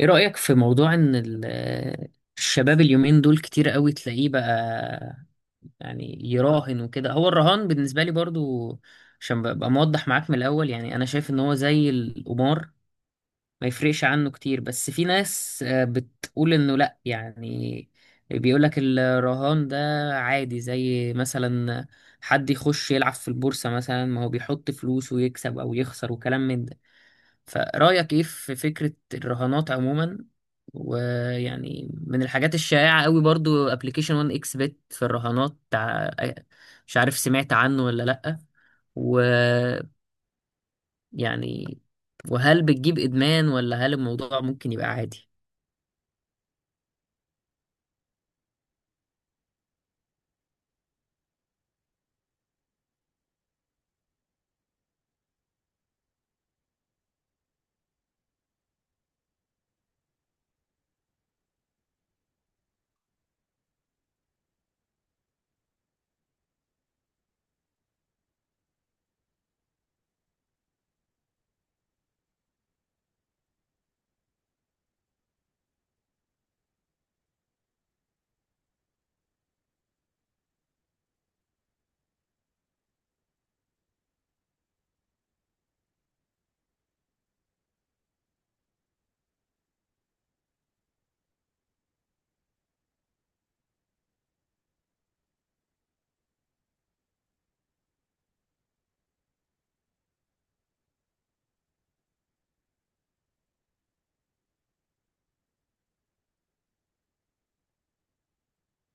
ايه رأيك في موضوع ان الشباب اليومين دول كتير قوي تلاقيه بقى يعني يراهن وكده. هو الرهان بالنسبة لي برضو، عشان ببقى موضح معاك من الاول، يعني انا شايف ان هو زي القمار، ما يفرقش عنه كتير. بس في ناس بتقول انه لا، يعني بيقولك الرهان ده عادي، زي مثلا حد يخش يلعب في البورصة مثلا، ما هو بيحط فلوس ويكسب او يخسر وكلام من ده. فرأيك ايه في فكرة الرهانات عموما؟ ويعني من الحاجات الشائعة قوي برضو ابلكيشن 1 اكس بت في الرهانات مش عارف سمعت عنه ولا لأ؟ ويعني وهل بتجيب إدمان ولا هل الموضوع ممكن يبقى عادي؟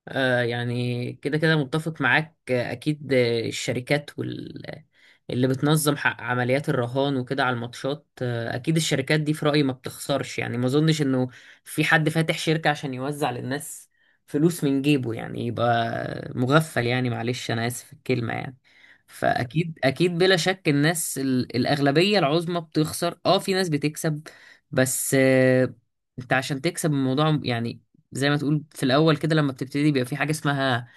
يعني كده كده متفق معاك، أكيد. الشركات اللي بتنظم حق عمليات الرهان وكده على الماتشات، أكيد الشركات دي في رأيي ما بتخسرش، يعني ما أظنش إنه في حد فاتح شركة عشان يوزع للناس فلوس من جيبه، يعني يبقى مغفل يعني، معلش أنا آسف في الكلمة يعني. فأكيد أكيد بلا شك الناس الأغلبية العظمى بتخسر، أه في ناس بتكسب بس. أنت عشان تكسب الموضوع، يعني زي ما تقول، في الاول كده لما بتبتدي بيبقى في حاجه اسمها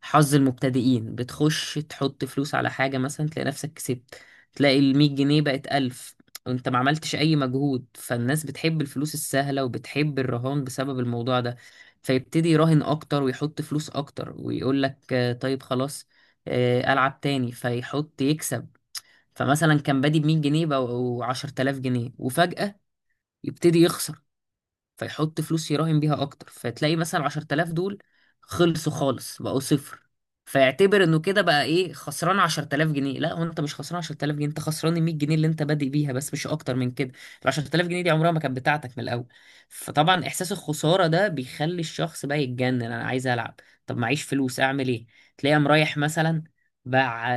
حظ المبتدئين، بتخش تحط فلوس على حاجه مثلا تلاقي نفسك كسبت. تلاقي ال 100 جنيه بقت 1000، وانت ما عملتش اي مجهود. فالناس بتحب الفلوس السهله وبتحب الرهان بسبب الموضوع ده. فيبتدي يراهن اكتر ويحط فلوس اكتر ويقول لك طيب خلاص، العب تاني، فيحط يكسب. فمثلا كان بادي ب 100 جنيه بقوا 10000 جنيه، وفجأة يبتدي يخسر، فيحط فلوس يراهن بيها اكتر، فتلاقي مثلا 10000 دول خلصوا خالص بقوا صفر. فيعتبر انه كده بقى ايه، خسران 10000 جنيه. لا، هو انت مش خسران 10000 جنيه، انت خسران ال 100 جنيه اللي انت بادئ بيها بس، مش اكتر من كده. ال 10000 جنيه دي عمرها ما كانت بتاعتك من الاول. فطبعا احساس الخساره ده بيخلي الشخص بقى يتجنن، انا عايز العب، طب معيش فلوس اعمل ايه؟ تلاقيه قام رايح مثلا باع،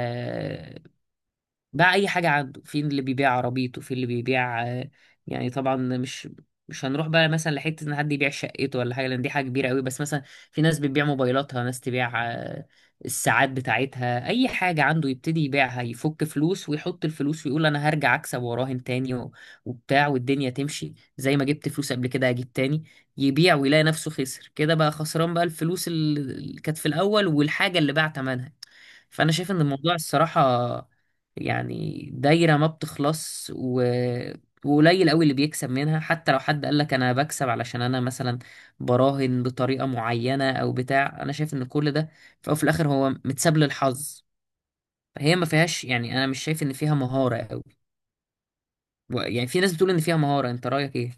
باع اي حاجه عنده. في اللي بيبيع عربيته، في اللي بيبيع يعني طبعا مش هنروح بقى مثلا لحته ان حد يبيع شقته ولا حاجه، لان دي حاجه كبيره قوي، بس مثلا في ناس بتبيع موبايلاتها، ناس تبيع الساعات بتاعتها. اي حاجه عنده يبتدي يبيعها، يفك فلوس ويحط الفلوس ويقول انا هرجع اكسب وراهن تاني وبتاع، والدنيا تمشي، زي ما جبت فلوس قبل كده هجيب تاني. يبيع ويلاقي نفسه خسر كده، بقى خسران بقى الفلوس اللي كانت في الاول والحاجه اللي باع ثمنها. فانا شايف ان الموضوع الصراحه يعني دايره ما بتخلص. وقليل قوي اللي بيكسب منها. حتى لو حد قال لك انا بكسب علشان انا مثلا براهن بطريقه معينه او بتاع، انا شايف ان كل ده في الأول وفي الاخر هو متساب للحظ. فهي ما فيهاش، يعني انا مش شايف ان فيها مهاره قوي. يعني في ناس بتقول ان فيها مهاره، انت رايك ايه؟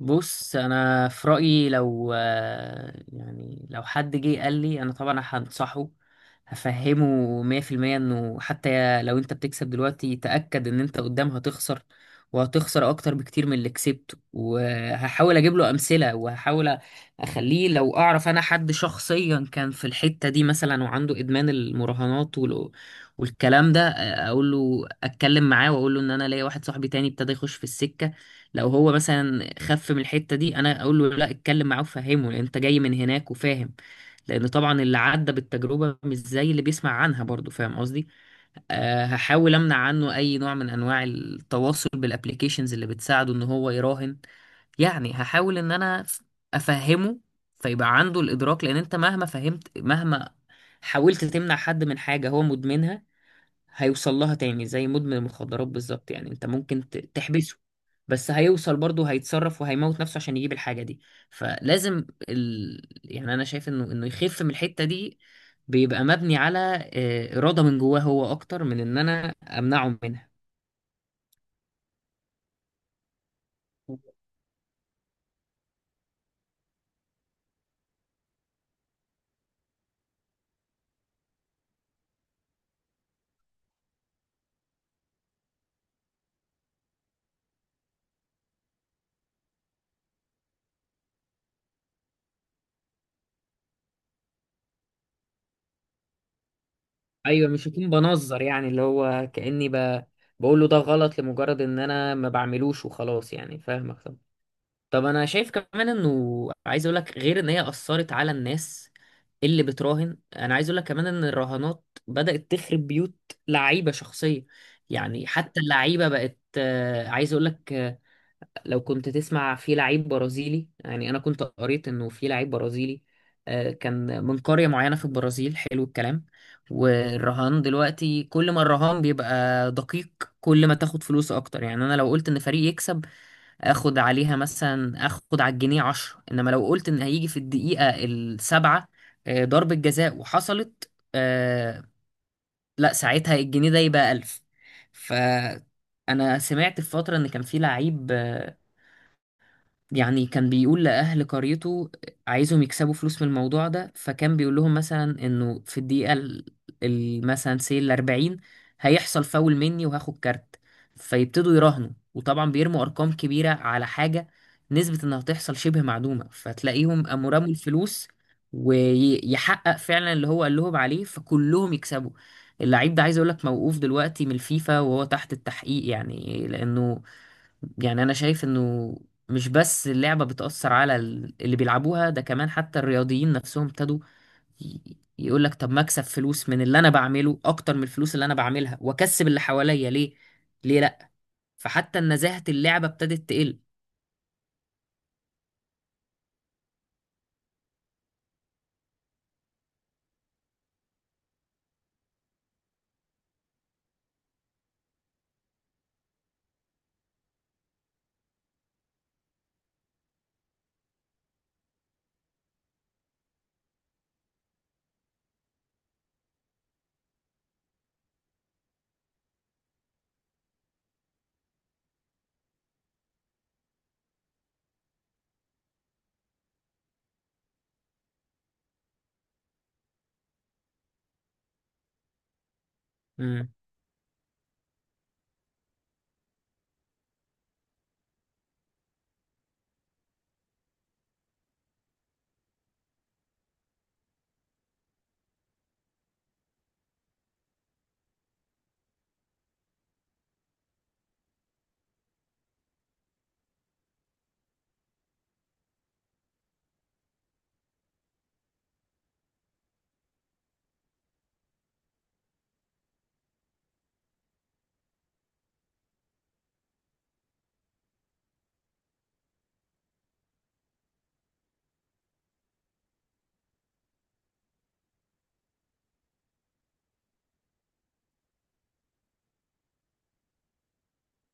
بص انا في رايي، لو يعني لو حد جه قال لي، انا طبعا هنصحه، هفهمه 100% انه حتى لو انت بتكسب دلوقتي، تاكد ان انت قدام هتخسر، وهتخسر اكتر بكتير من اللي كسبته. وهحاول اجيب له امثله، وهحاول اخليه، لو اعرف انا حد شخصيا كان في الحته دي مثلا وعنده ادمان المراهنات والكلام ده، اقول له اتكلم معاه، واقول له ان انا ليا واحد صاحبي تاني ابتدى يخش في السكه، لو هو مثلا خف من الحتة دي. انا اقول له لا اتكلم معاه وفهمه، لان انت جاي من هناك وفاهم، لان طبعا اللي عدى بالتجربة مش زي اللي بيسمع عنها برضو، فاهم قصدي؟ أه هحاول امنع عنه اي نوع من انواع التواصل بالابليكيشنز اللي بتساعده ان هو يراهن. يعني هحاول ان انا افهمه، فيبقى عنده الادراك، لان انت مهما فهمت، مهما حاولت تمنع حد من حاجة هو مدمنها هيوصل لها تاني. زي مدمن المخدرات بالظبط، يعني انت ممكن تحبسه، بس هيوصل برضه، هيتصرف وهيموت نفسه عشان يجيب الحاجة دي. فلازم يعني انا شايف انه يخف من الحتة دي بيبقى مبني على إرادة من جواه هو اكتر من ان انا امنعه منها. ايوه مش هكون بنظر، يعني اللي هو كأني بقول له ده غلط لمجرد ان انا ما بعملوش وخلاص، يعني فاهمك طبعا. طب انا شايف كمان انه، عايز اقول لك، غير ان هي اثرت على الناس اللي بتراهن، انا عايز اقول لك كمان ان الرهانات بدأت تخرب بيوت لعيبة شخصية. يعني حتى اللعيبة بقت عايز اقول لك، لو كنت تسمع في لعيب برازيلي، يعني انا كنت قريت انه في لعيب برازيلي كان من قرية معينة في البرازيل. حلو الكلام. والرهان دلوقتي كل ما الرهان بيبقى دقيق كل ما تاخد فلوس اكتر. يعني انا لو قلت ان فريق يكسب اخد عليها مثلا، اخد على الجنيه عشرة، انما لو قلت ان هيجي في الدقيقة السابعة ضربة جزاء وحصلت لا ساعتها الجنيه ده يبقى ألف. فأنا سمعت في فترة إن كان في لعيب يعني كان بيقول لأهل قريته، عايزهم يكسبوا فلوس من الموضوع ده، فكان بيقول لهم مثلا إنه في الدقيقة مثلا سي 40 هيحصل فاول مني وهاخد كارت. فيبتدوا يراهنوا، وطبعا بيرموا أرقام كبيرة على حاجة نسبة إنها تحصل شبه معدومة، فتلاقيهم قاموا رموا الفلوس ويحقق فعلا اللي هو قال لهم عليه، فكلهم يكسبوا. اللعيب ده عايز أقول لك موقوف دلوقتي من الفيفا وهو تحت التحقيق، يعني لأنه، يعني انا شايف انه مش بس اللعبة بتأثر على اللي بيلعبوها، ده كمان حتى الرياضيين نفسهم ابتدوا يقول لك طب ما اكسب فلوس من اللي انا بعمله اكتر من الفلوس اللي انا بعملها، واكسب اللي حواليا، ليه لا؟ فحتى نزاهة اللعبة ابتدت تقل.